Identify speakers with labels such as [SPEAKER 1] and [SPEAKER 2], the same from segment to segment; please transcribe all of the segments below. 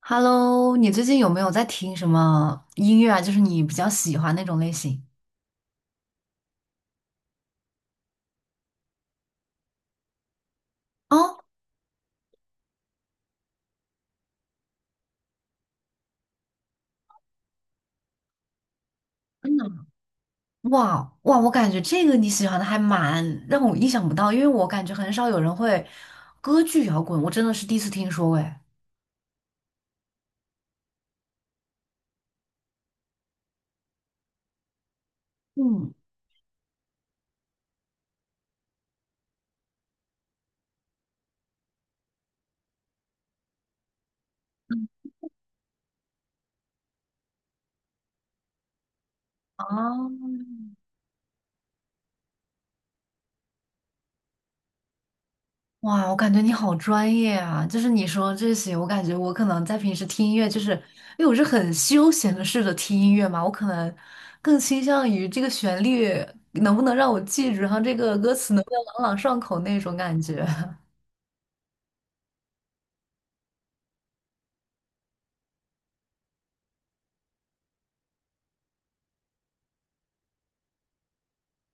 [SPEAKER 1] Hello，你最近有没有在听什么音乐啊？就是你比较喜欢那种类型哦？真的吗？哇哇，我感觉这个你喜欢的还蛮让我意想不到，因为我感觉很少有人会歌剧摇滚，我真的是第一次听说诶。嗯，哦，哇，我感觉你好专业啊！就是你说这些，我感觉我可能在平时听音乐，就是因为我是很休闲的试着听音乐嘛，我可能更倾向于这个旋律能不能让我记住，然后这个歌词能不能朗朗上口那种感觉。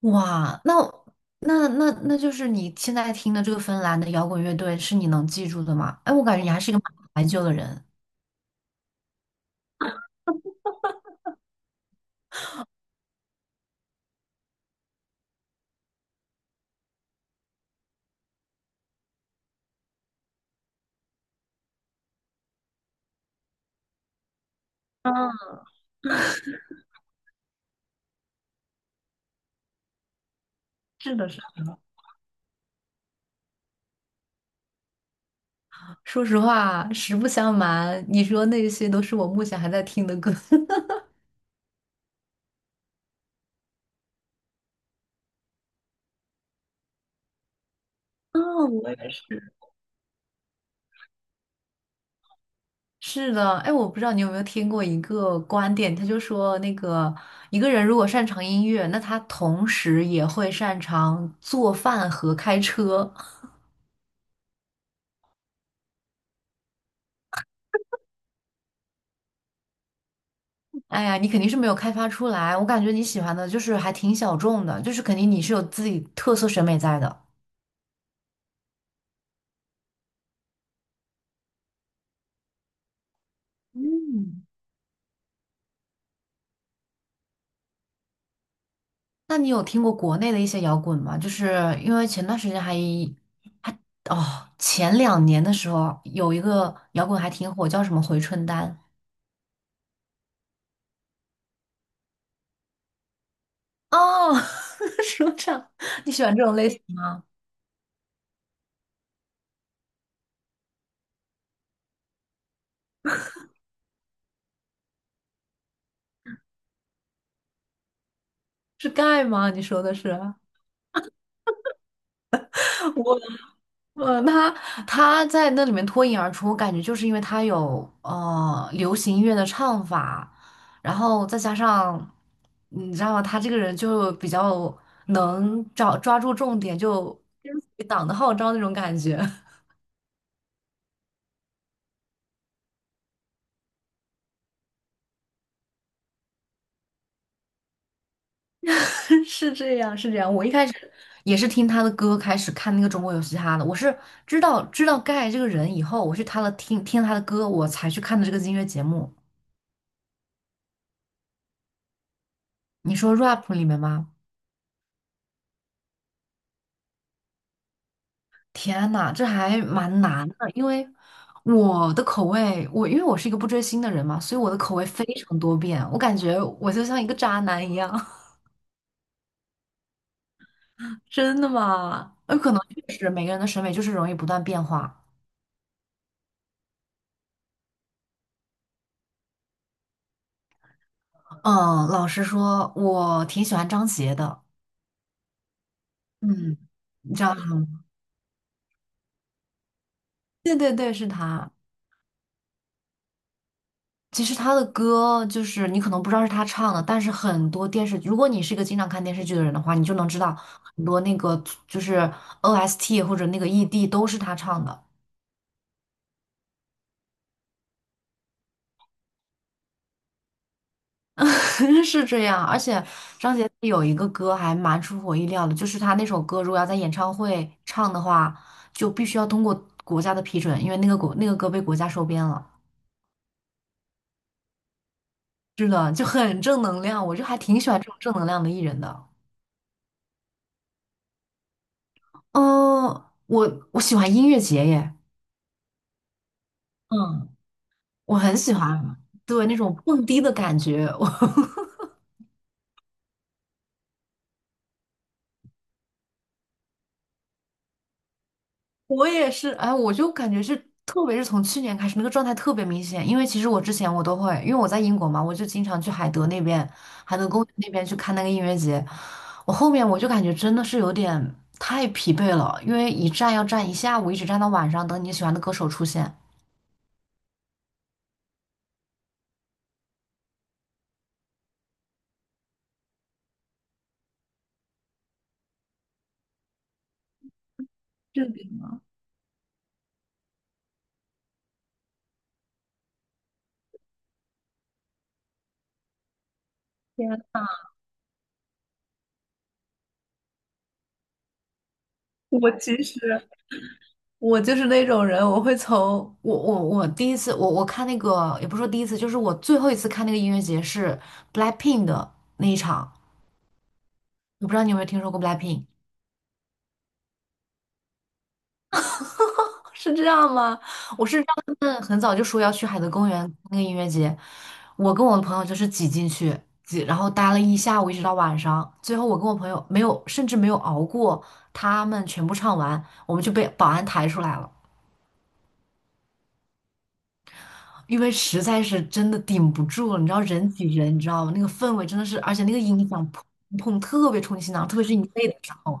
[SPEAKER 1] 哇，那就是你现在听的这个芬兰的摇滚乐队是你能记住的吗？哎，我感觉你还是一个蛮怀旧的人。嗯，是的，是的。说实话，实不相瞒，你说那些都是我目前还在听的歌。哦，我也是。是的，哎，我不知道你有没有听过一个观点，他就说那个一个人如果擅长音乐，那他同时也会擅长做饭和开车。哎呀，你肯定是没有开发出来，我感觉你喜欢的就是还挺小众的，就是肯定你是有自己特色审美在的。嗯，那你有听过国内的一些摇滚吗？就是因为前段时间还哦，前两年的时候有一个摇滚还挺火，叫什么回春丹。哦，说唱，你喜欢这种类型吗？是盖吗？你说的是 我，呃，他他在那里面脱颖而出，我感觉就是因为他有流行音乐的唱法，然后再加上你知道吗？他这个人就比较能抓住重点，就跟随党的号召那种感觉。是这样，是这样。我一开始也是听他的歌开始看那个《中国有嘻哈》的，我是知道盖这个人以后，我去听听他的歌，我才去看的这个音乐节目。你说 rap 里面吗？天呐，这还蛮难的，因为我的口味，我因为我是一个不追星的人嘛，所以我的口味非常多变，我感觉我就像一个渣男一样。真的吗？有可能确实每个人的审美就是容易不断变化。嗯，老实说，我挺喜欢张杰的。嗯，你知道他吗？对对对，是他。其实他的歌就是你可能不知道是他唱的，但是很多电视，如果你是一个经常看电视剧的人的话，你就能知道很多那个就是 OST 或者那个 ED 都是他唱的，是这样。而且张杰有一个歌还蛮出乎我意料的，就是他那首歌如果要在演唱会唱的话，就必须要通过国家的批准，因为那个国那个歌被国家收编了。是的，就很正能量，我就还挺喜欢这种正能量的艺人的。嗯，我喜欢音乐节耶，嗯，我很喜欢，对那种蹦迪的感觉，我也是，哎，我就感觉是，特别是从去年开始，那个状态特别明显。因为其实我之前我都会，因为我在英国嘛，我就经常去海德那边，海德公园那边去看那个音乐节。我后面我就感觉真的是有点太疲惫了，因为一站要站一下午，一直站到晚上，等你喜欢的歌手出现。我其实就是那种人，我会从我第一次我看那个也不是说第一次，就是我最后一次看那个音乐节是 BLACKPINK 的那一场，我不知道你有没有听说过 BLACKPINK，是这样吗？嗯，很早就说要去海德公园那个音乐节，我跟我的朋友就是挤进去挤，然后待了一下午，一直到晚上，最后我跟我朋友没有，甚至没有熬过他们全部唱完，我们就被保安抬出来了。因为实在是真的顶不住了，你知道人挤人，你知道吗？那个氛围真的是，而且那个音响砰砰特别冲击心脏，特别是你背的时候。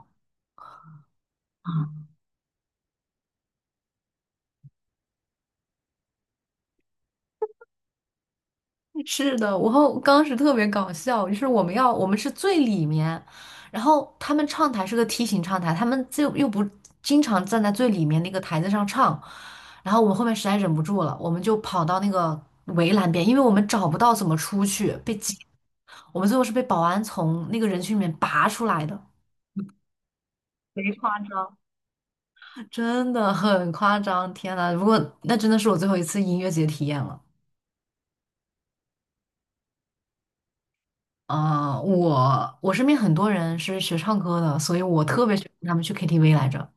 [SPEAKER 1] 是的，我后当时特别搞笑，就是我们要我们是最里面，然后他们唱台是个梯形唱台，他们就又不经常站在最里面那个台子上唱，然后我们后面实在忍不住了，我们就跑到那个围栏边，因为我们找不到怎么出去，被挤，我们最后是被保安从那个人群里面拔出来的，贼夸张。真的很夸张，天呐！如果那真的是我最后一次音乐节体验了。啊、我身边很多人是学唱歌的，所以我特别喜欢他们去 KTV 来着。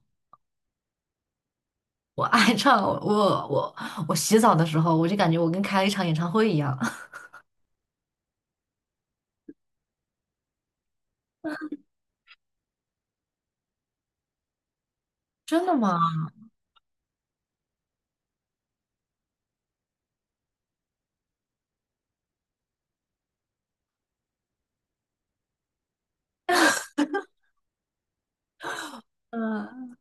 [SPEAKER 1] 我爱唱，我我洗澡的时候，我就感觉我跟开了一场演唱会一样。真的吗？嗯，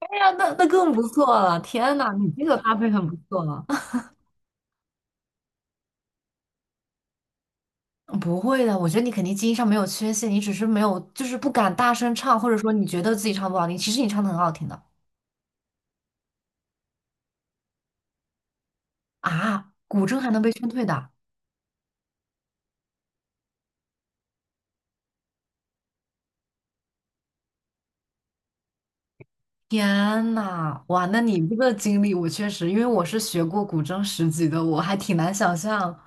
[SPEAKER 1] 哎呀，那更不错了！天呐，你这个搭配很不错了。不会的，我觉得你肯定基因上没有缺陷，你只是没有就是不敢大声唱，或者说你觉得自己唱不好听，其实你唱的很好听的啊。古筝还能被劝退的，天呐，哇，那你这个经历，我确实，因为我是学过古筝10级的，我还挺难想象。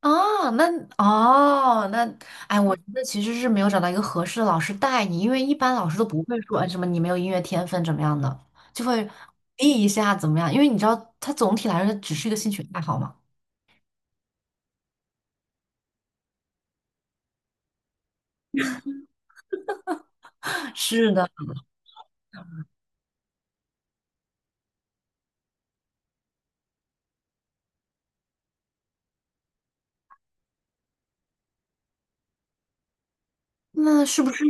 [SPEAKER 1] 啊。那哦，那哎，我觉得其实是没有找到一个合适的老师带你，因为一般老师都不会说，哎，什么你没有音乐天分怎么样的，就会鼓励一下怎么样，因为你知道，它总体来说只是一个兴趣爱好嘛。那是不是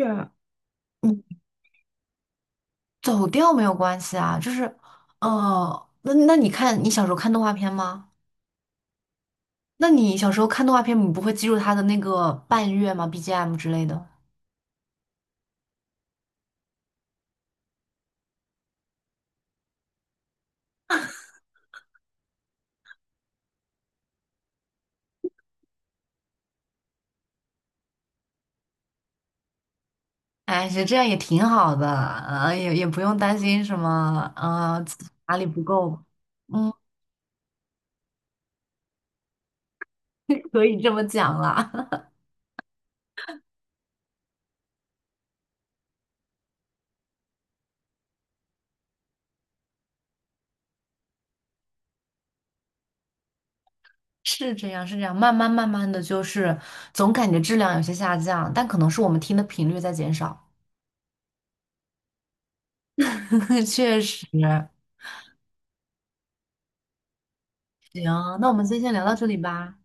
[SPEAKER 1] 你走调没有关系啊？就是，哦，那那你看你小时候看动画片吗？那你小时候看动画片，你不会记住它的那个伴乐吗？BGM 之类的？哎，实这样也挺好的，也不用担心什么，自己哪里不够，嗯，可以这么讲啦。是这样，是这样，慢慢的就是总感觉质量有些下降，但可能是我们听的频率在减少。确实，行，那我们今天先聊到这里吧。